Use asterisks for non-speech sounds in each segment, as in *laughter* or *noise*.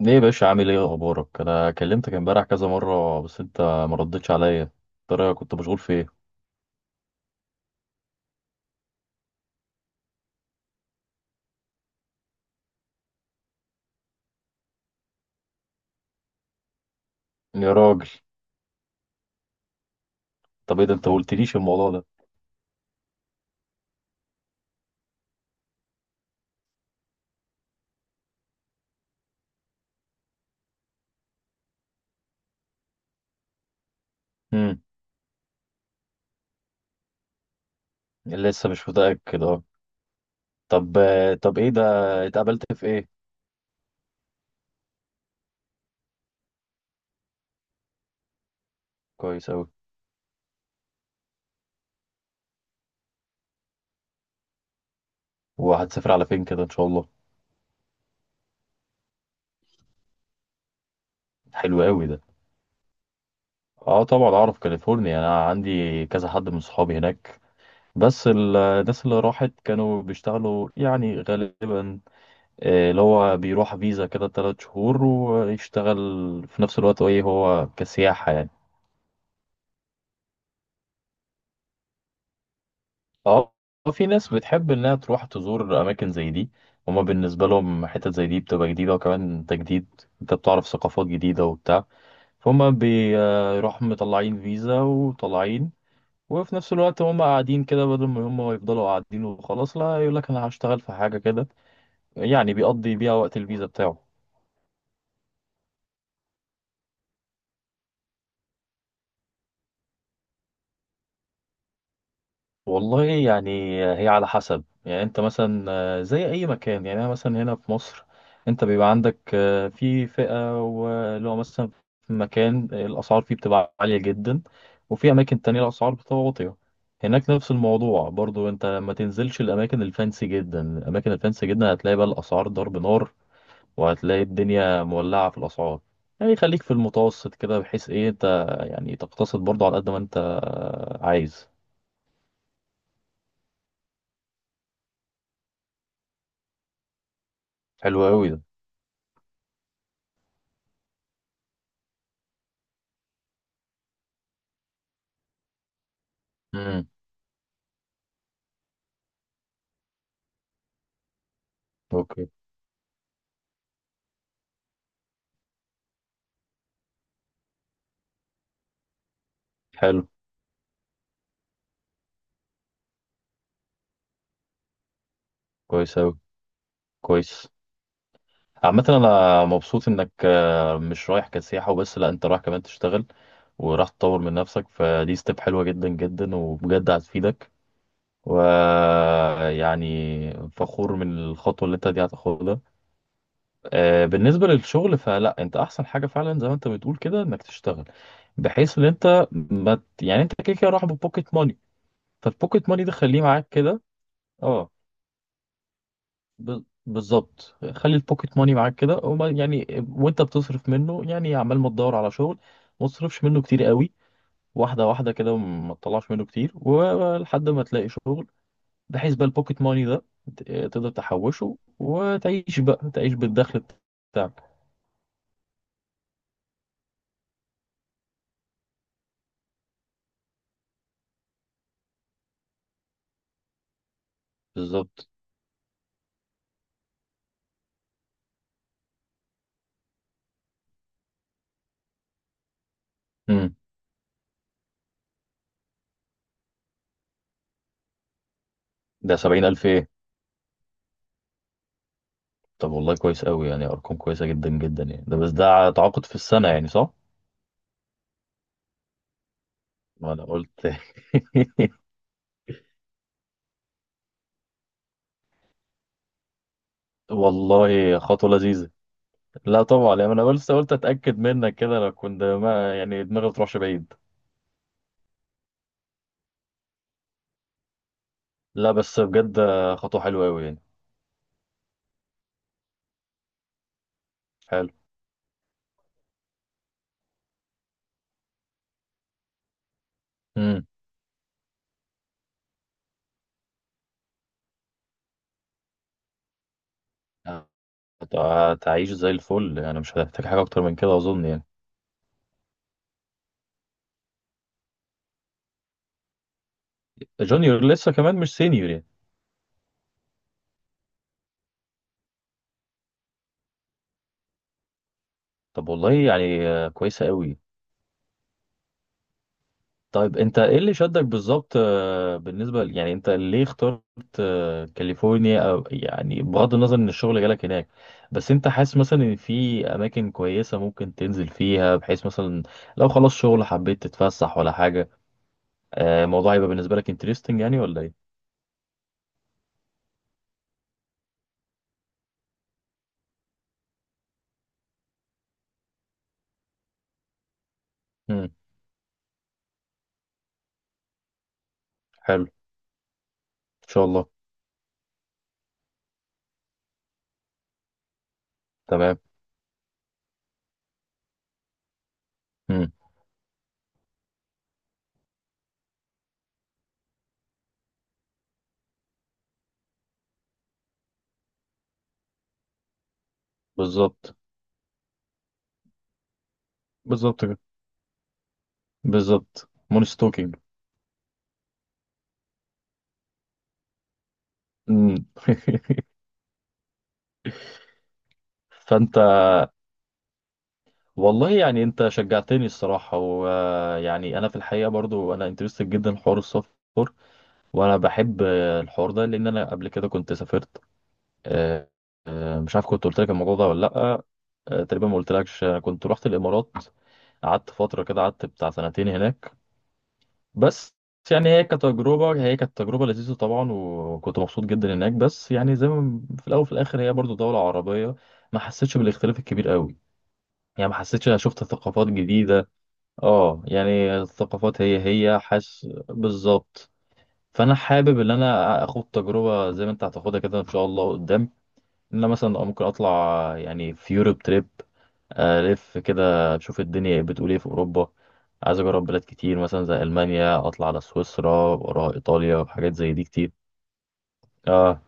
ليه يا باشا، عامل ايه؟ اخبارك؟ انا كلمتك امبارح كذا مره بس انت ما ردتش عليا. ترى كنت مشغول في ايه؟ يا راجل، طب ايه ده؟ انت ما قلتليش الموضوع ده. امم. لسه مش متاكد؟ اه. طب. طب ايه ده؟ اتقابلت في ايه؟ كويس اوي. وهتسافر على فين كده ان شاء الله؟ حلو اوي ده. اه طبعا اعرف كاليفورنيا، انا عندي كذا حد من صحابي هناك. بس الناس اللي راحت كانوا بيشتغلوا يعني غالبا. آه، اللي هو بيروح فيزا كده 3 شهور ويشتغل في نفس الوقت، ايه هو كسياحة يعني. اه. في ناس بتحب انها تروح تزور اماكن زي دي. هما بالنسبة لهم حتت زي دي بتبقى جديدة، وكمان تجديد، انت بتعرف ثقافات جديدة وبتاع. فهم بيروحوا مطلعين فيزا وطالعين، وفي نفس الوقت هم قاعدين كده. بدل ما هم يفضلوا قاعدين وخلاص لا، يقول لك انا هشتغل في حاجة كده يعني، بيقضي بيها وقت الفيزا بتاعه. والله يعني هي على حسب، يعني انت مثلا آه، زي اي مكان. يعني انا مثلا هنا في مصر انت بيبقى عندك آه، في فئة واللي هو مثلا في مكان الاسعار فيه بتبقى عالية جدا، وفي اماكن تانية الاسعار بتبقى واطية. هناك نفس الموضوع برضو. انت ما تنزلش الاماكن الفانسي جدا، الاماكن الفانسي جدا هتلاقي بقى الاسعار ضرب نار، وهتلاقي الدنيا مولعة في الاسعار. يعني خليك في المتوسط كده، بحيث ايه انت يعني تقتصد برضو على قد ما انت عايز. حلو قوي ده. مم. اوكي. حلو. كويس اوي. كويس. عامة انا مبسوط انك آه، مش رايح كسياحة وبس، لا انت رايح كمان تشتغل وراح تطور من نفسك، فدي ستيب حلوة جدا جدا وبجد هتفيدك، ويعني فخور من الخطوة اللي انت دي هتاخدها. آه، بالنسبة للشغل فلا، انت احسن حاجة فعلا زي ما انت بتقول كده انك تشتغل، بحيث ان انت ما ت- يعني انت كده كده رايح ببوكيت ماني. فالبوكيت ماني ده خليه معاك كده. اه. بالظبط. خلي البوكيت ماني معاك كده، يعني وانت بتصرف منه، يعني عمال ما تدور على شغل ما تصرفش منه كتير قوي. واحده واحده كده، ما تطلعش منه كتير ولحد ما تلاقي شغل، بحيث بقى البوكيت ماني ده ت- تقدر تحوشه وتعيش، بقى تعيش بالدخل بتاعك. بالظبط. امم. ده 70,000 ايه؟ طب والله كويس قوي، يعني أرقام كويسة جدا جدا. يعني ده بس ده تعاقد في السنة يعني، صح؟ وأنا قلت. *laughs* والله خطوة لذيذة. لا طبعا، يعني انا لسه قلت اتاكد منك كده، لو كنت ما، يعني دماغي ما تروحش بعيد. لا بس بجد، خطوه حلوه قوي يعني. حلو. امم. هتعيش زي الفل يعني، مش هتحتاج حاجه اكتر من كده اظن يعني. جونيور لسه كمان، مش سينيور يعني. طب والله يعني آه، كويسه قوي. طيب انت ايه اللي شدك بالظبط آه، يعني انت ليه اخترت آه، كاليفورنيا؟ او يعني بغض النظر ان الشغل جالك هناك، بس انت حاسس مثلا ان في اماكن كويسه ممكن تنزل فيها، بحيث مثلا لو خلاص شغل حبيت تتفسح ولا حاجه. آه، الموضوع يبقى بالنسبه لك انترستنج يعني ولا ايه؟ امم. حلو. ان شاء الله. تمام. امم. بالظبط. بالظبط كده. بالظبط مونستوكينج. امم. *laughs* فانت، والله يعني انت شجعتني الصراحة، ويعني انا في الحقيقة برضو انا انترستد جدا في حوار السفر. وانا بحب آه، الحوار ده لان انا قبل كده كنت سافرت. آه، مش عارف كنت قلت لك الموضوع ده ولا لا. آه، تقريبا ما قلتلكش. انا كنت رحت الامارات، قعدت فترة كده، قعدت بتاع سنتين هناك بس. يعني هي كتجربة، هي كانت تجربة لذيذة طبعا، وكنت مبسوط جدا هناك، بس يعني زي ما في الاول وفي الاخر هي برضو دولة عربية، ما حسيتش بالاختلاف الكبير قوي يعني. ما حسيتش انا شفت ثقافات جديدة، اه يعني الثقافات هي هي، حاسس بالظبط. فانا حابب ان انا اخد تجربه زي ما انت هتاخدها كده ان شاء الله قدام، ان انا مثلا ممكن اطلع يعني في يوروب تريب. الف كده اشوف الدنيا، إيه، بتقول ايه في اوروبا. عايز اجرب بلاد كتير، مثلا زي المانيا، اطلع على سويسرا وراها ايطاليا وحاجات زي دي كتير. اه.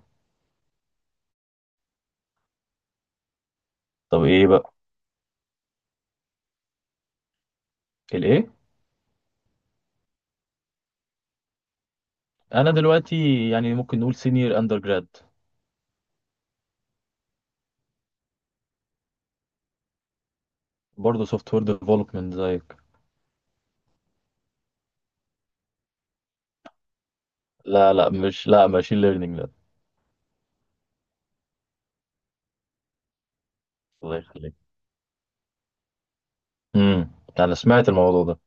طب ايه بقى؟ الايه؟ انا دلوقتي يعني ممكن نقول سينيور اندر جراد. برضه سوفت وير ديفلوبمنت زيك. لا لا، مش لا ماشين ليرنينج لا. الله يخليك. امم. انا سمعت الموضوع ده.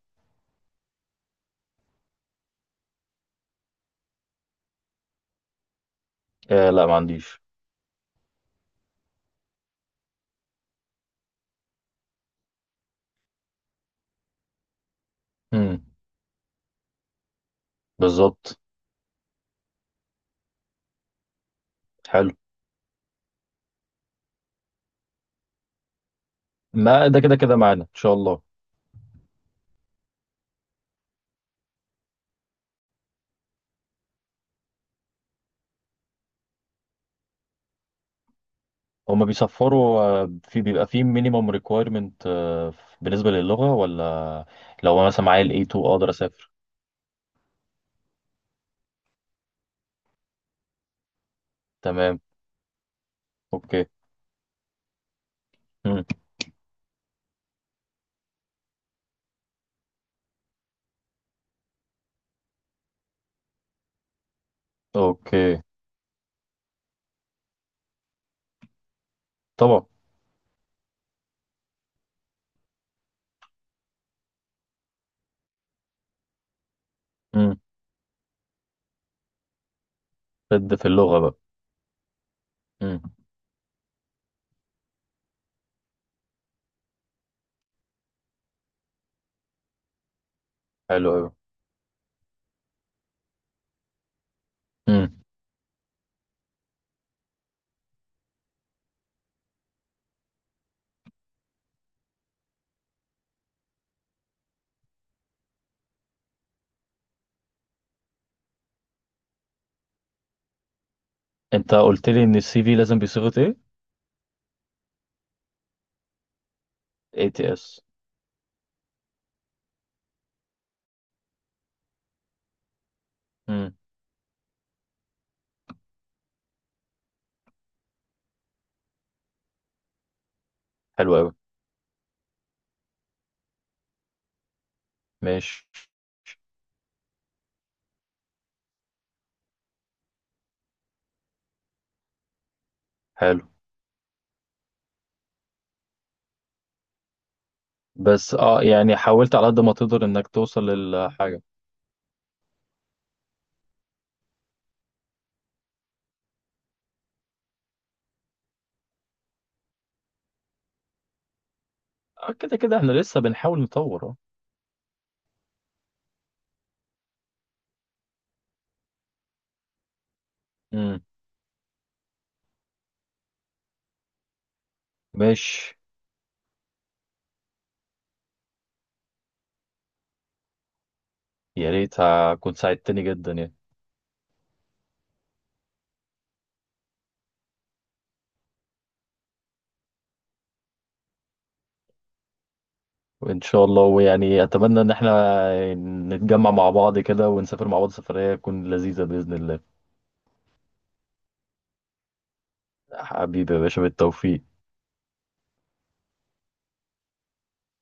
آه لا، ما عنديش. امم. بالظبط. حلو. ما ده كده كده معانا ان شاء الله. هما بيصفروا آه، في بيبقى في مينيمم ريكويرمنت بالنسبه للغه ولا؟ لو انا مثلا معايا ال A2 اقدر اسافر؟ تمام. اوكي. امم. اوكي. طبعا. امم. بد في اللغه بقى. امم. حلو قوي. امم. انت قلت لي ان السي في لازم بصيغه ايه؟ ATS. امم. حلو قوي. ماشي. حلو. بس اه يعني حاولت على قد ما تقدر انك توصل للحاجة. آه، كده كده احنا لسه بنحاول نطور اه. امم. ماشي. يا ريت، كنت ساعدتني جدا يعني. وان شاء الله، ويعني اتمنى ان احنا نتجمع مع بعض كده ونسافر مع بعض سفرية تكون لذيذة بإذن الله. حبيبي يا باشا، بالتوفيق.